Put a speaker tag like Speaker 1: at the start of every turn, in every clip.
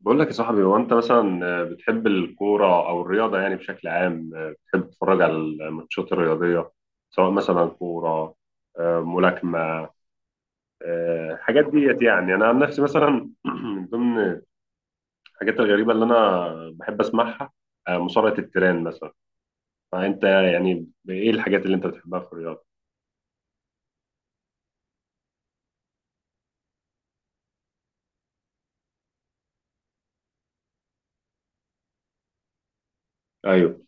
Speaker 1: بقول لك يا صاحبي، هو انت مثلا بتحب الكوره او الرياضه؟ يعني بشكل عام بتحب تتفرج على الماتشات الرياضيه، سواء مثلا كوره، ملاكمه، الحاجات ديت؟ يعني انا عن نفسي مثلا من ضمن الحاجات الغريبه اللي انا بحب اسمعها مصارعه التيران مثلا. فانت يعني ايه الحاجات اللي انت بتحبها في الرياضه؟ ايوه.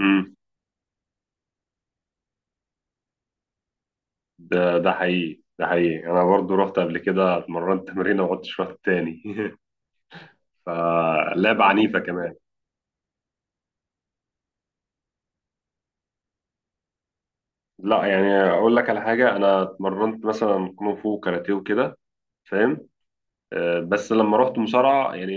Speaker 1: امم ده حقيقي، ده حقيقي، انا برضو رحت قبل كده اتمرنت تمرين وما عدتش رحت تاني. فلعبه عنيفه كمان. لا يعني اقول لك على حاجه، انا اتمرنت مثلا كونغ فو وكاراتيه وكده، فاهم؟ بس لما رحت مصارعه يعني.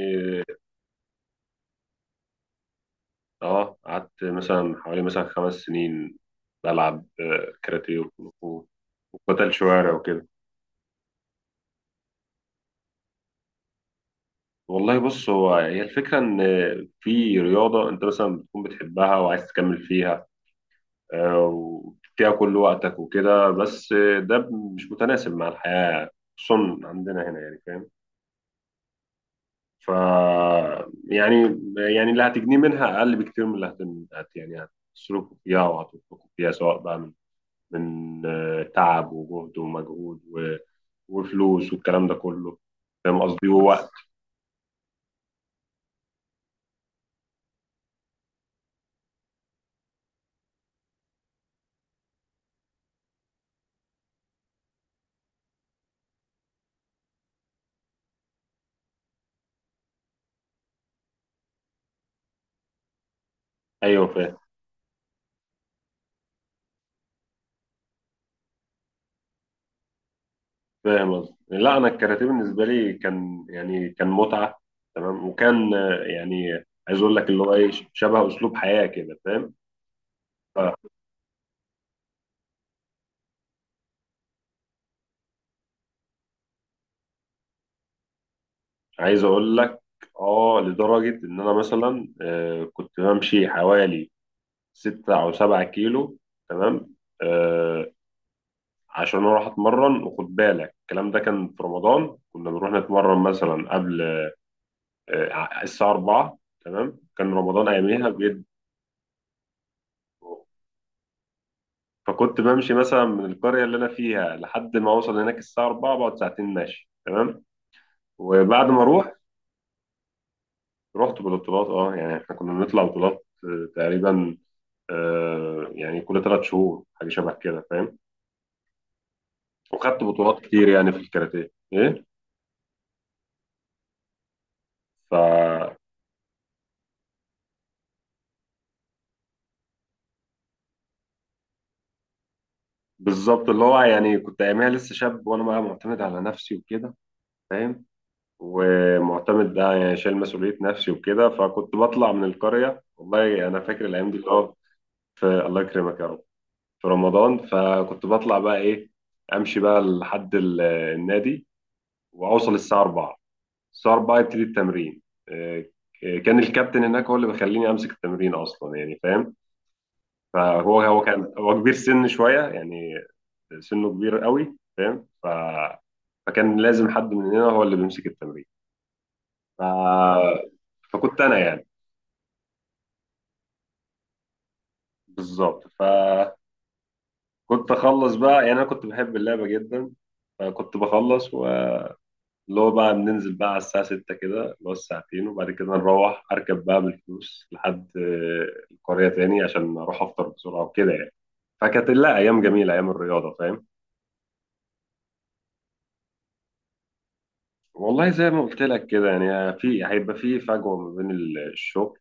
Speaker 1: اه، قعدت مثلا حوالي مثلا 5 سنين بلعب، كاراتيه وكونغ فو وقتل شوارع وكده. والله بص، هو هي الفكره ان في رياضه انت مثلا بتكون بتحبها وعايز تكمل فيها، وفيها كل وقتك وكده، بس ده مش متناسب مع الحياه، خصوصا عندنا هنا يعني، فاهم؟ ف يعني، يعني اللي هتجنيه منها اقل بكتير من اللي هتن... هت يعني هتصرفه فيها وهتنفقه فيها، سواء بقى من تعب وجهد ومجهود وفلوس والكلام ده كله، فاهم قصدي؟ ووقت. ايوه فاهم. فاهم قصدي، لا انا الكاراتيه بالنسبه لي كان يعني كان متعه، تمام؟ وكان يعني عايز اقول لك اللي هو ايه، شبه اسلوب حياه كده، فاهم؟ فعايز اقول لك، اه، لدرجه ان انا مثلا كنت بمشي حوالي 6 أو 7 كيلو، تمام؟ آه، عشان أروح أتمرن، وخد بالك الكلام ده كان في رمضان، كنا بنروح نتمرن مثلا قبل آه الساعة 4، تمام؟ كان رمضان أياميها بجد. فكنت بمشي مثلا من القرية اللي أنا فيها لحد ما أوصل هناك الساعة 4، بقعد ساعتين ماشي، تمام؟ وبعد ما أروح، رحت ببطولات، أه يعني إحنا كنا بنطلع بطولات، تقريبا آه يعني كل 3 شهور حاجة شبه كده، فاهم؟ وخدت بطولات كتير يعني في الكاراتيه، إيه. ف بالظبط. اللي هو يعني كنت اياميها لسه شاب، وانا بقى معتمد على نفسي وكده، فاهم؟ ومعتمد بقى يعني شايل مسؤوليه نفسي وكده، فكنت بطلع من القريه، والله انا فاكر الايام دي اللي هو في. الله يكرمك يا رب. في رمضان فكنت بطلع بقى ايه، امشي بقى لحد النادي، واوصل الساعه 4. الساعه 4 يبتدي التمرين، إيه. كان الكابتن هناك هو اللي بيخليني امسك التمرين اصلا يعني، فاهم؟ فهو كان هو كبير سن شويه يعني، سنه كبير قوي، فاهم؟ فكان لازم حد مننا هو اللي بيمسك التمرين. ف... فكنت انا يعني، بالظبط. فكنت اخلص بقى، يعني انا كنت بحب اللعبه جدا، فكنت بخلص، واللي هو بقى بننزل بقى على الساعه 6 كده، اللي هو الساعتين، وبعد كده نروح اركب بقى بالفلوس لحد القريه تاني، عشان اروح افطر بسرعه وكده يعني. فكانت لا ايام جميله، ايام الرياضه، فاهم؟ والله زي ما قلت لك كده يعني، في هيبقى في فجوه ما بين الشغل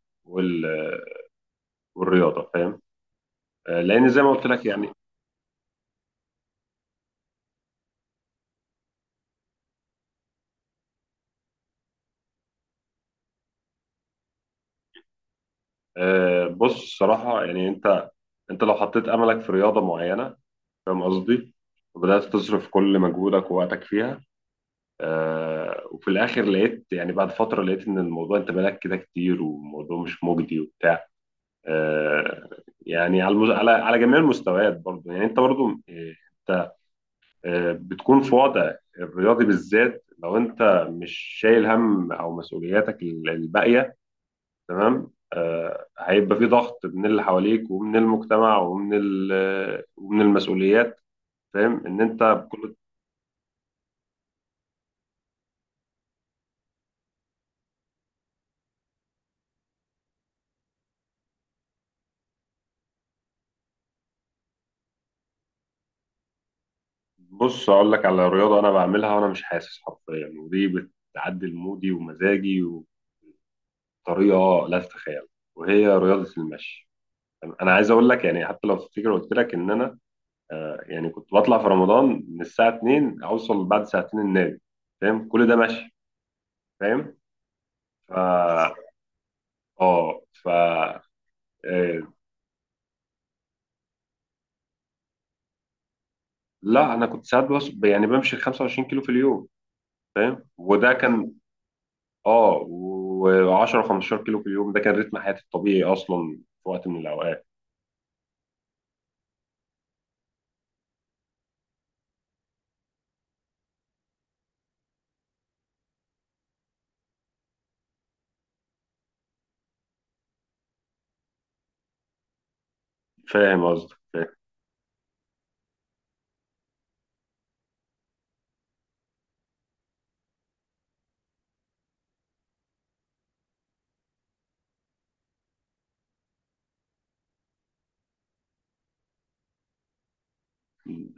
Speaker 1: والرياضه، فاهم؟ لان زي ما قلت لك يعني، بص صراحه يعني، انت لو حطيت املك في رياضه معينه، فاهم قصدي؟ وبدات تصرف كل مجهودك ووقتك فيها، وفي الاخر لقيت يعني، بعد فتره لقيت ان الموضوع انت بالك كده كتير والموضوع مش مجدي وبتاع. آه، يعني على على جميع المستويات برضه يعني، انت برضه آه، انت بتكون في وضع الرياضي بالذات. لو انت مش شايل هم او مسؤولياتك الباقيه، تمام، هيبقى في ضغط من اللي حواليك ومن المجتمع ومن ومن المسؤوليات، فاهم ان انت بكل. بص اقول لك على رياضه انا بعملها وانا مش حاسس حرفيا، ودي بتعدل مودي ومزاجي بطريقه لا تتخيل، وهي رياضه المشي. انا عايز اقول لك يعني، حتى لو تفتكر قلت لك ان انا يعني كنت بطلع في رمضان من الساعه 2، اوصل بعد ساعتين النادي، فاهم؟ كل ده مشي، فاهم؟ ف اه ف آه، لا انا كنت ساعات بس يعني بمشي 25 كيلو في اليوم، فاهم؟ وده كان، اه، و10 15 كيلو في اليوم، ده كان رتم حياتي الطبيعي اصلا، في وقت من الاوقات. فاهم قصدك، فاهم.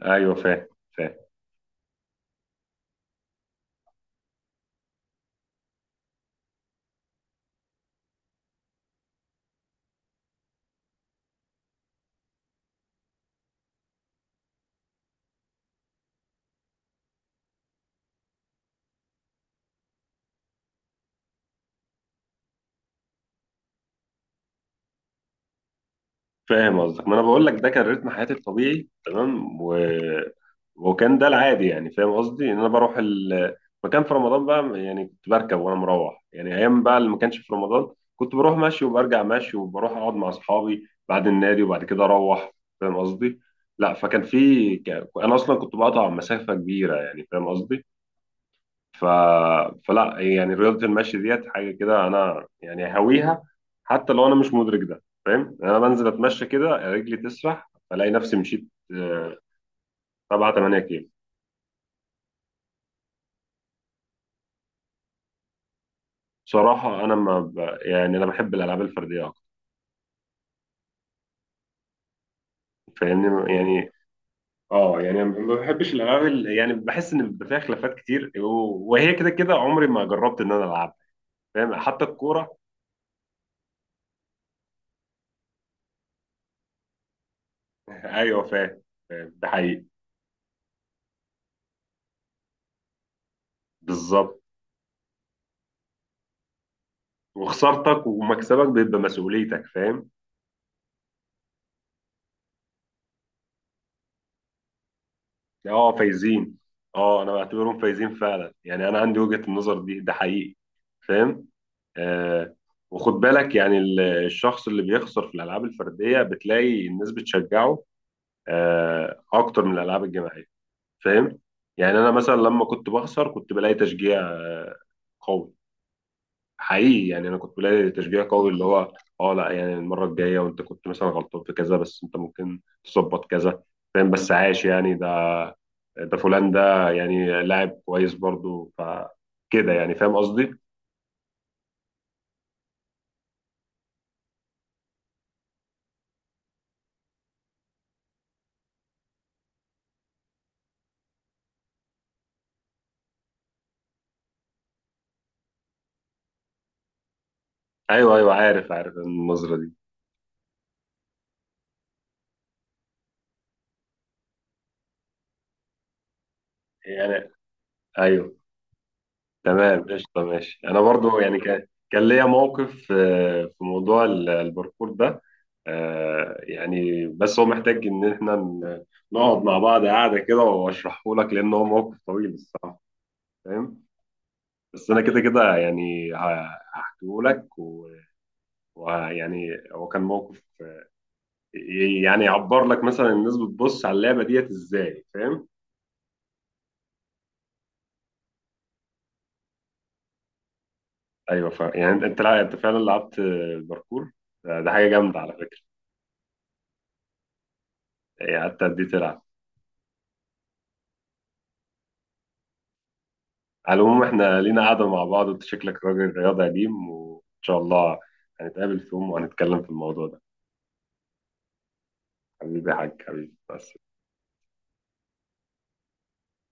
Speaker 1: ايوه فاهم، فاهم. فاهم قصدك، ما انا بقول لك ده كان رتم حياتي الطبيعي، تمام؟ وكان ده العادي يعني، فاهم قصدي؟ ان انا بروح مكان في رمضان بقى، يعني كنت بركب وانا مروح يعني، ايام بقى اللي ما كانش في رمضان كنت بروح ماشي وبرجع ماشي وبروح اقعد مع اصحابي بعد النادي، وبعد كده اروح، فاهم قصدي؟ لا فكان في انا اصلا كنت بقطع مسافة كبيرة، يعني فاهم قصدي؟ ف... فلا يعني رياضة المشي ديت حاجة كده أنا يعني هاويها، حتى لو أنا مش مدرك ده، فاهم؟ يعني أنا بنزل أتمشى كده، رجلي تسرح ألاقي نفسي مشيت آه، 7 8 كيلو. بصراحة أنا ما ب... يعني أنا بحب الألعاب الفردية أكتر، فاهمني يعني؟ اه يعني ما بحبش يعني بحس ان بيبقى فيها خلافات كتير، وهي كده كده عمري ما جربت ان انا العبها، فاهم؟ حتى الكوره. ايوه فاهم، فاهم، ده حقيقي. بالظبط، وخسارتك ومكسبك بيبقى مسؤوليتك، فاهم؟ اه، فايزين. اه انا بعتبرهم فايزين فعلا، يعني انا عندي وجهة النظر دي، ده حقيقي، فاهم؟ آه. وخد بالك يعني الشخص اللي بيخسر في الالعاب الفرديه بتلاقي الناس بتشجعه آه، اكتر من الالعاب الجماعيه، فاهم؟ يعني انا مثلا لما كنت بخسر كنت بلاقي تشجيع آه قوي، حقيقي يعني، انا كنت بلاقي تشجيع قوي اللي هو، اه، لا يعني المره الجايه وانت كنت مثلا غلطان في كذا، بس انت ممكن تظبط كذا، فاهم؟ بس عاش يعني، ده ده فلان ده يعني لاعب كويس برضو، فكده يعني، فاهم قصدي؟ ايوه ايوه، عارف عارف النظره دي، يعني، ايوه. تمام، قشطه، ماشي. انا برضو يعني كان كان ليا موقف في موضوع الباركور ده، يعني بس هو محتاج ان احنا نقعد مع بعض قاعده كده واشرحه لك، لان هو موقف طويل الصراحه، فاهم؟ بس انا كده كده يعني هحكيه لك. ويعني هو كان موقف يعني يعبر لك مثلا الناس بتبص على اللعبه ديت ازاي، فاهم؟ ايوه فاهم، يعني انت انت لا انت فعلا لعبت الباركور، ده ده حاجه جامده على فكره. يعني قعدت قد ايه تلعب؟ على العموم احنا لينا قعده مع بعض، وانت شكلك راجل رياضي قديم، وان شاء الله هنتقابل في يوم وهنتكلم في الموضوع ده. حبيبي يا حاج، حبيبي، بس.